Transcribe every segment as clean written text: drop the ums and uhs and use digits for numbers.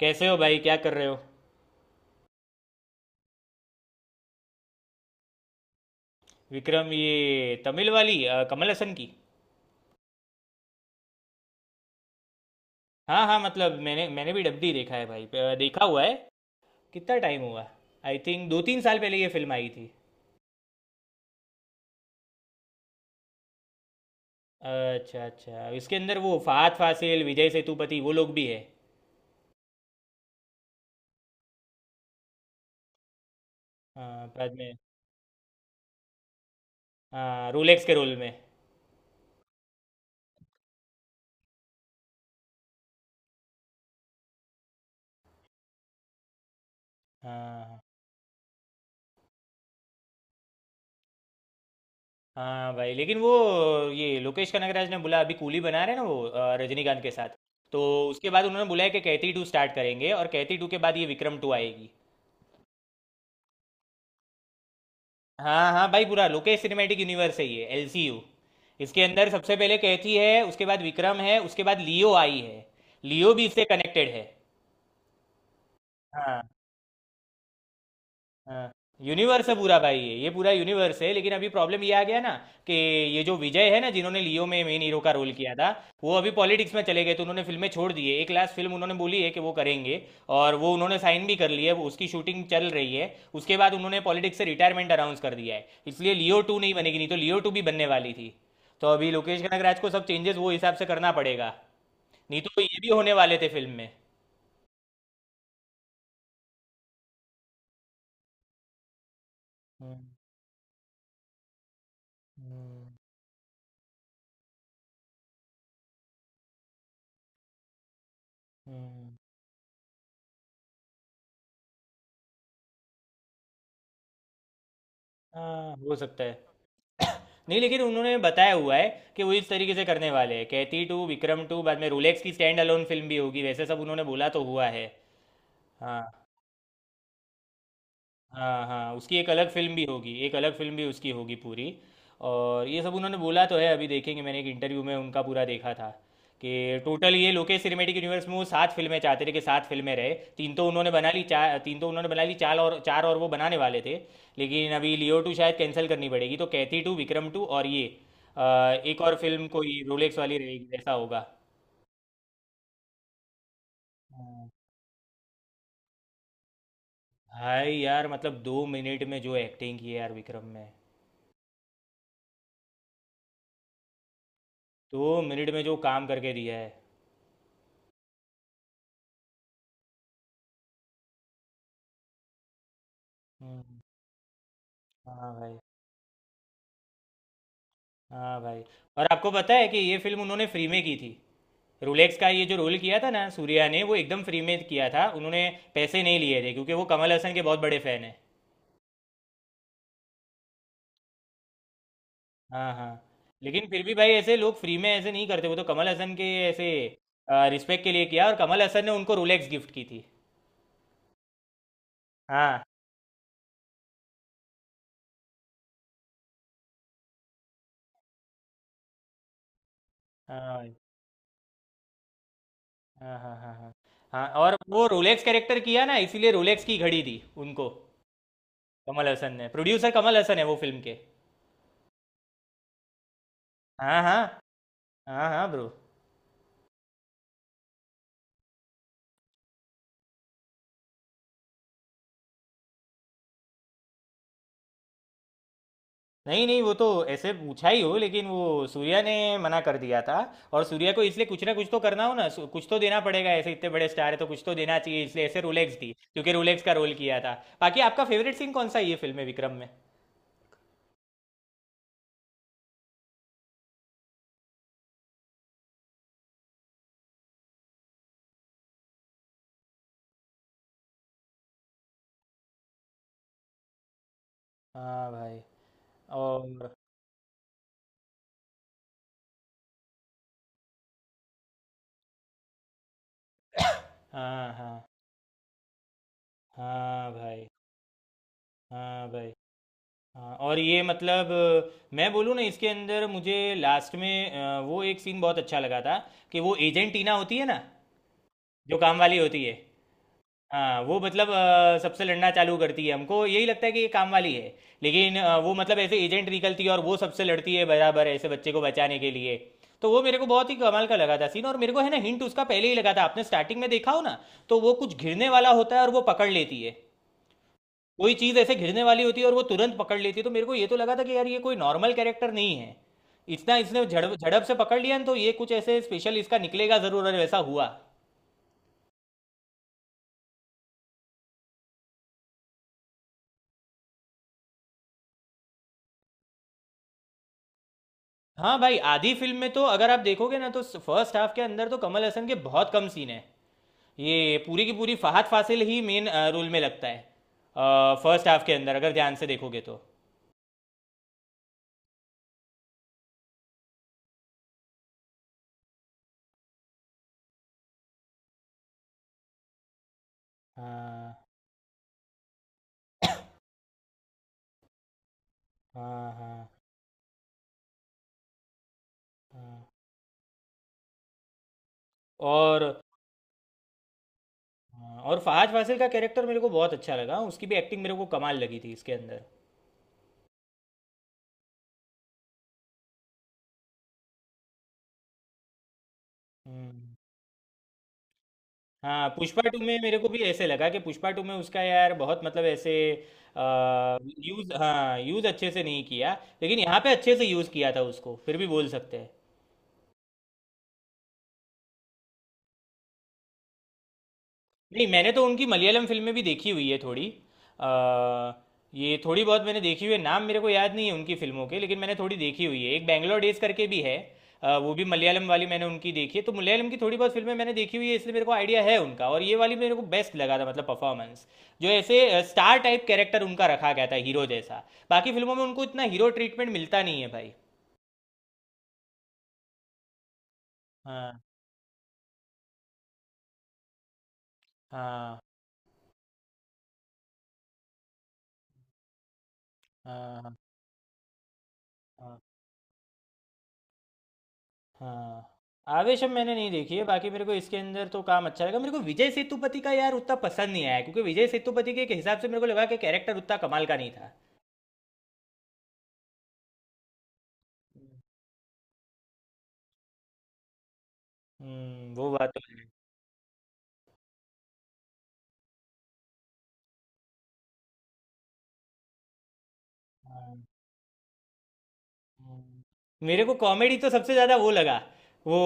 कैसे हो भाई? क्या कर रहे हो? विक्रम, ये तमिल वाली कमल हसन की? हाँ, हाँ, मतलब मैंने मैंने भी डबडी देखा है भाई, देखा हुआ है। कितना टाइम हुआ? आई थिंक 2 3 साल पहले ये फिल्म आई थी। अच्छा, अच्छा, इसके अंदर वो फहाद फासिल, विजय सेतुपति वो लोग भी है? हाँ, बाद में। हाँ, रोलेक्स के रोल में। हाँ, हाँ भाई, लेकिन वो, ये लोकेश कनगराज ने बोला अभी कूली बना रहे हैं ना वो, रजनीकांत के साथ। तो उसके बाद उन्होंने बोला है कि कैथी 2 स्टार्ट करेंगे और कैथी 2 के बाद ये विक्रम 2 आएगी। हाँ, हाँ भाई, पूरा लोकेश सिनेमैटिक यूनिवर्स है ये, एलसीयू। इसके अंदर सबसे पहले कैथी है, उसके बाद विक्रम है, उसके बाद लियो आई है। लियो भी इससे कनेक्टेड है। हाँ, हाँ, यूनिवर्स है पूरा भाई, ये पूरा यूनिवर्स है, लेकिन अभी प्रॉब्लम ये आ गया ना कि ये जो विजय है ना, जिन्होंने लियो में मेन हीरो का रोल किया था, वो अभी पॉलिटिक्स में चले गए, तो उन्होंने फिल्में छोड़ दी है। एक लास्ट फिल्म उन्होंने बोली है कि वो करेंगे, और वो उन्होंने साइन भी कर ली है, वो उसकी शूटिंग चल रही है। उसके बाद उन्होंने पॉलिटिक्स से रिटायरमेंट अनाउंस कर दिया है, इसलिए लियो 2 नहीं बनेगी, नहीं तो लियो 2 भी बनने वाली थी। तो अभी लोकेश कनगराज को सब चेंजेस वो हिसाब से करना पड़ेगा, नहीं तो ये भी होने वाले थे फिल्म में। हम्म, हम्म, हम्म। हाँ, हो सकता है। नहीं, लेकिन उन्होंने बताया हुआ है कि वो इस तरीके से करने वाले हैं, कैथी 2 विक्रम 2, बाद में रोलेक्स की स्टैंड अलोन फिल्म भी होगी, वैसे सब उन्होंने बोला तो हुआ है। हाँ, हाँ, हाँ, उसकी एक अलग फिल्म भी होगी, एक अलग फिल्म भी उसकी होगी पूरी। और ये सब उन्होंने बोला तो है, अभी देखेंगे। मैंने एक इंटरव्यू में उनका पूरा देखा था, कि टोटल ये लोकेश सिनेमेटिक यूनिवर्स में वो सात फिल्में चाहते थे, कि सात फिल्में रहे, तीन तो उन्होंने बना ली चार और वो बनाने वाले थे। लेकिन अभी लियो 2 शायद कैंसिल करनी पड़ेगी, तो कैथी 2, विक्रम 2 और ये अ, एक और फिल्म, कोई रोलेक्स वाली रहेगी, ऐसा होगा। हाँ। भाई यार मतलब 2 मिनट में जो एक्टिंग की है यार विक्रम में, 2 मिनट में जो काम करके दिया है। हुँ, हाँ भाई, हाँ भाई। और आपको पता है कि ये फ़िल्म उन्होंने फ्री में की थी। रोलेक्स का ये जो रोल किया था ना सूर्या ने, वो एकदम फ्री में किया था। उन्होंने पैसे नहीं लिए थे, क्योंकि वो कमल हसन के बहुत बड़े फ़ैन हैं। हाँ, हाँ। लेकिन फिर भी भाई ऐसे लोग फ्री में ऐसे नहीं करते। वो तो कमल हसन के ऐसे रिस्पेक्ट के लिए किया, और कमल हसन ने उनको रोलेक्स गिफ्ट की थी। हाँ, हाँ भाई। हाँ, हाँ, हाँ, हाँ। हाँ, और वो रोलेक्स कैरेक्टर किया ना, इसीलिए रोलेक्स की घड़ी दी उनको कमल हसन ने। प्रोड्यूसर कमल हसन है वो फ़िल्म के। हाँ, हाँ। हाँ, हाँ ब्रो। नहीं, नहीं, वो तो ऐसे पूछा ही हो, लेकिन वो सूर्या ने मना कर दिया था। और सूर्या को इसलिए कुछ ना कुछ तो करना हो ना, कुछ तो देना पड़ेगा, ऐसे इतने बड़े स्टार है तो कुछ तो देना चाहिए, इसलिए ऐसे रोलेक्स दी, क्योंकि रोलेक्स का रोल किया था। बाकी आपका फेवरेट सीन कौन सा है ये फिल्म में, विक्रम में? हाँ भाई। और हाँ, हाँ। हाँ भाई। हाँ भाई। हाँ, और ये मतलब मैं बोलूँ ना, इसके अंदर मुझे लास्ट में वो एक सीन बहुत अच्छा लगा था, कि वो एजेंट टीना होती है ना, जो काम वाली होती है। हाँ, वो मतलब सबसे लड़ना चालू करती है, हमको यही लगता है कि ये काम वाली है, लेकिन वो मतलब ऐसे एजेंट निकलती है, और वो सबसे लड़ती है बराबर, ऐसे बच्चे को बचाने के लिए। तो वो मेरे को बहुत ही कमाल का लगा था सीन, और मेरे को है ना हिंट उसका पहले ही लगा था। आपने स्टार्टिंग में देखा हो ना, तो वो कुछ घिरने वाला होता है और वो पकड़ लेती है। कोई चीज़ ऐसे घिरने वाली होती है और वो तुरंत पकड़ लेती है। तो मेरे को ये तो लगा था कि यार, ये कोई नॉर्मल कैरेक्टर नहीं है, इतना इसने झड़प झड़प से पकड़ लिया ना, तो ये कुछ ऐसे स्पेशल इसका निकलेगा ज़रूर, और वैसा हुआ। हाँ भाई, आधी फिल्म में तो अगर आप देखोगे ना, तो फर्स्ट हाफ के अंदर तो कमल हसन के बहुत कम सीन है, ये पूरी की पूरी फहाद फासिल ही मेन रोल में लगता है, फर्स्ट हाफ के अंदर, अगर ध्यान से देखोगे तो। हाँ, हाँ, हाँ। और हाँ, और फहाद फासिल का कैरेक्टर मेरे को बहुत अच्छा लगा, उसकी भी एक्टिंग मेरे को कमाल लगी थी इसके अंदर। हम्म। हाँ, पुष्पा 2 में मेरे को भी ऐसे लगा कि पुष्पा 2 में उसका यार बहुत मतलब ऐसे आ, यूज, हाँ यूज अच्छे से नहीं किया। लेकिन यहाँ पे अच्छे से यूज किया था उसको, फिर भी बोल सकते हैं। नहीं, मैंने तो उनकी मलयालम फिल्में भी देखी हुई है थोड़ी, अ, ये थोड़ी बहुत मैंने देखी हुई है, नाम मेरे को याद नहीं है उनकी फिल्मों के, लेकिन मैंने थोड़ी देखी हुई है, एक बैंगलोर डेज करके भी है, वो भी मलयालम वाली मैंने उनकी देखी है, तो मलयालम की थोड़ी बहुत फिल्में मैंने देखी हुई है, इसलिए मेरे को आइडिया है उनका, और ये वाली मेरे को बेस्ट लगा था मतलब परफॉर्मेंस, जो ऐसे स्टार टाइप कैरेक्टर उनका रखा गया था, हीरो जैसा। बाकी फिल्मों में उनको इतना हीरो ट्रीटमेंट मिलता नहीं है भाई। हाँ, हाँ, हाँ, हाँ, हाँ। हाँ। आवेशम मैंने नहीं देखी है, बाकी मेरे को इसके अंदर तो काम अच्छा लगा, मेरे को विजय सेतुपति का यार उतना पसंद नहीं आया, क्योंकि विजय सेतुपति के हिसाब से मेरे को लगा कि कैरेक्टर उतना कमाल का नहीं था। वो बात तो है। हाँ, हम्म। मेरे को कॉमेडी तो सबसे ज्यादा वो लगा, वो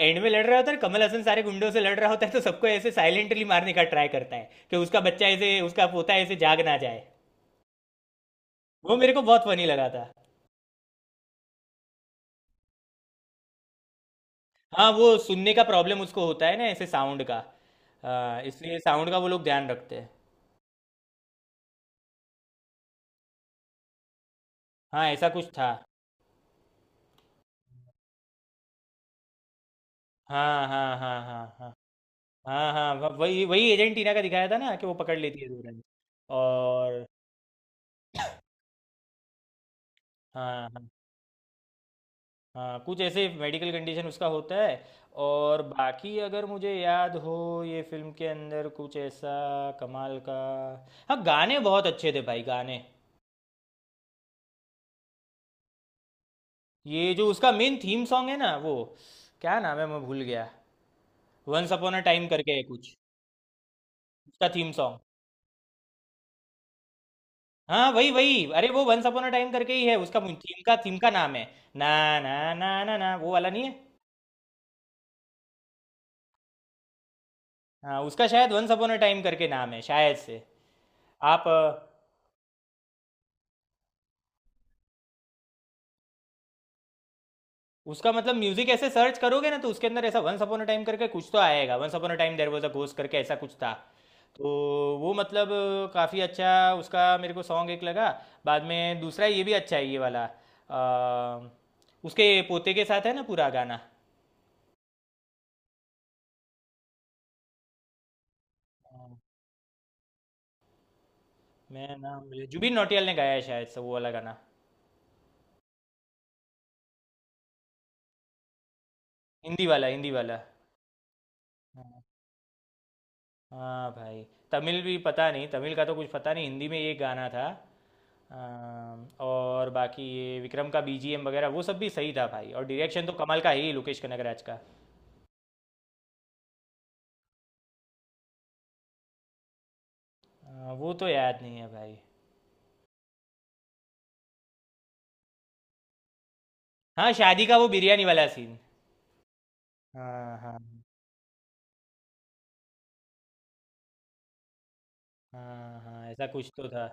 एंड में लड़ रहा होता है, कमल हसन सारे गुंडों से लड़ रहा होता है, तो सबको ऐसे साइलेंटली मारने का ट्राई करता है, कि उसका बच्चा ऐसे, उसका पोता ऐसे जाग ना जाए। वो मेरे को बहुत फनी लगा था। हाँ, वो सुनने का प्रॉब्लम उसको होता है ना, ऐसे साउंड का। हाँ, इसलिए साउंड का वो लोग ध्यान रखते हैं। हाँ, ऐसा कुछ था। हाँ, हाँ, हाँ, हाँ। हाँ, हाँ, हाँ, व- वही वही एजेंटीना का दिखाया था ना, कि वो पकड़ लेती है तुरंत। और हाँ, हाँ, हाँ, कुछ ऐसे मेडिकल कंडीशन उसका होता है। और बाकी अगर मुझे याद हो, ये फिल्म के अंदर कुछ ऐसा कमाल का। हाँ, गाने बहुत अच्छे थे भाई, गाने, ये जो उसका मेन थीम सॉन्ग है ना वो, क्या नाम है, मैं भूल गया। वंस अपॉन अ टाइम करके है कुछ, उसका थीम सॉन्ग। हाँ, वही वही अरे, वो वंस अपॉन अ टाइम करके ही है, उसका थीम का नाम है ना। ना, ना, ना, ना, वो वाला नहीं है। हाँ, उसका शायद वंस अपॉन अ टाइम करके नाम है शायद से। आप, उसका मतलब म्यूजिक ऐसे सर्च करोगे ना, तो उसके अंदर ऐसा वंस अपॉन अ टाइम करके कुछ तो आएगा, once upon a time there was a ghost करके ऐसा कुछ था। तो वो मतलब काफी अच्छा उसका मेरे को सॉन्ग एक लगा। बाद में दूसरा ये भी अच्छा है ये वाला, अ, उसके पोते के साथ है ना पूरा गाना। हाँ, मैं नाम जुबिन नौटियाल ने गाया है शायद से वो वाला गाना। हिंदी वाला, हिंदी वाला। हाँ, हाँ भाई। तमिल भी पता नहीं, तमिल का तो कुछ पता नहीं, हिंदी में ये गाना था। और बाकी ये विक्रम का बीजीएम वगैरह वो सब भी सही था भाई, और डायरेक्शन तो कमाल का है ही लोकेश कनगराज का। वो तो याद नहीं है भाई। हाँ, शादी का वो बिरयानी वाला सीन। हाँ, हाँ, हाँ, हाँ, ऐसा कुछ तो था।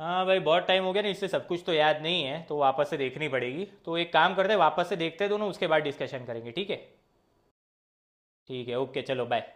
हाँ भाई, बहुत टाइम हो गया ना, इससे सब कुछ तो याद नहीं है, तो वापस से देखनी पड़ेगी। तो एक काम करते हैं, वापस से देखते हैं दोनों, उसके बाद डिस्कशन करेंगे, ठीक है? ठीक है, ओके, चलो बाय।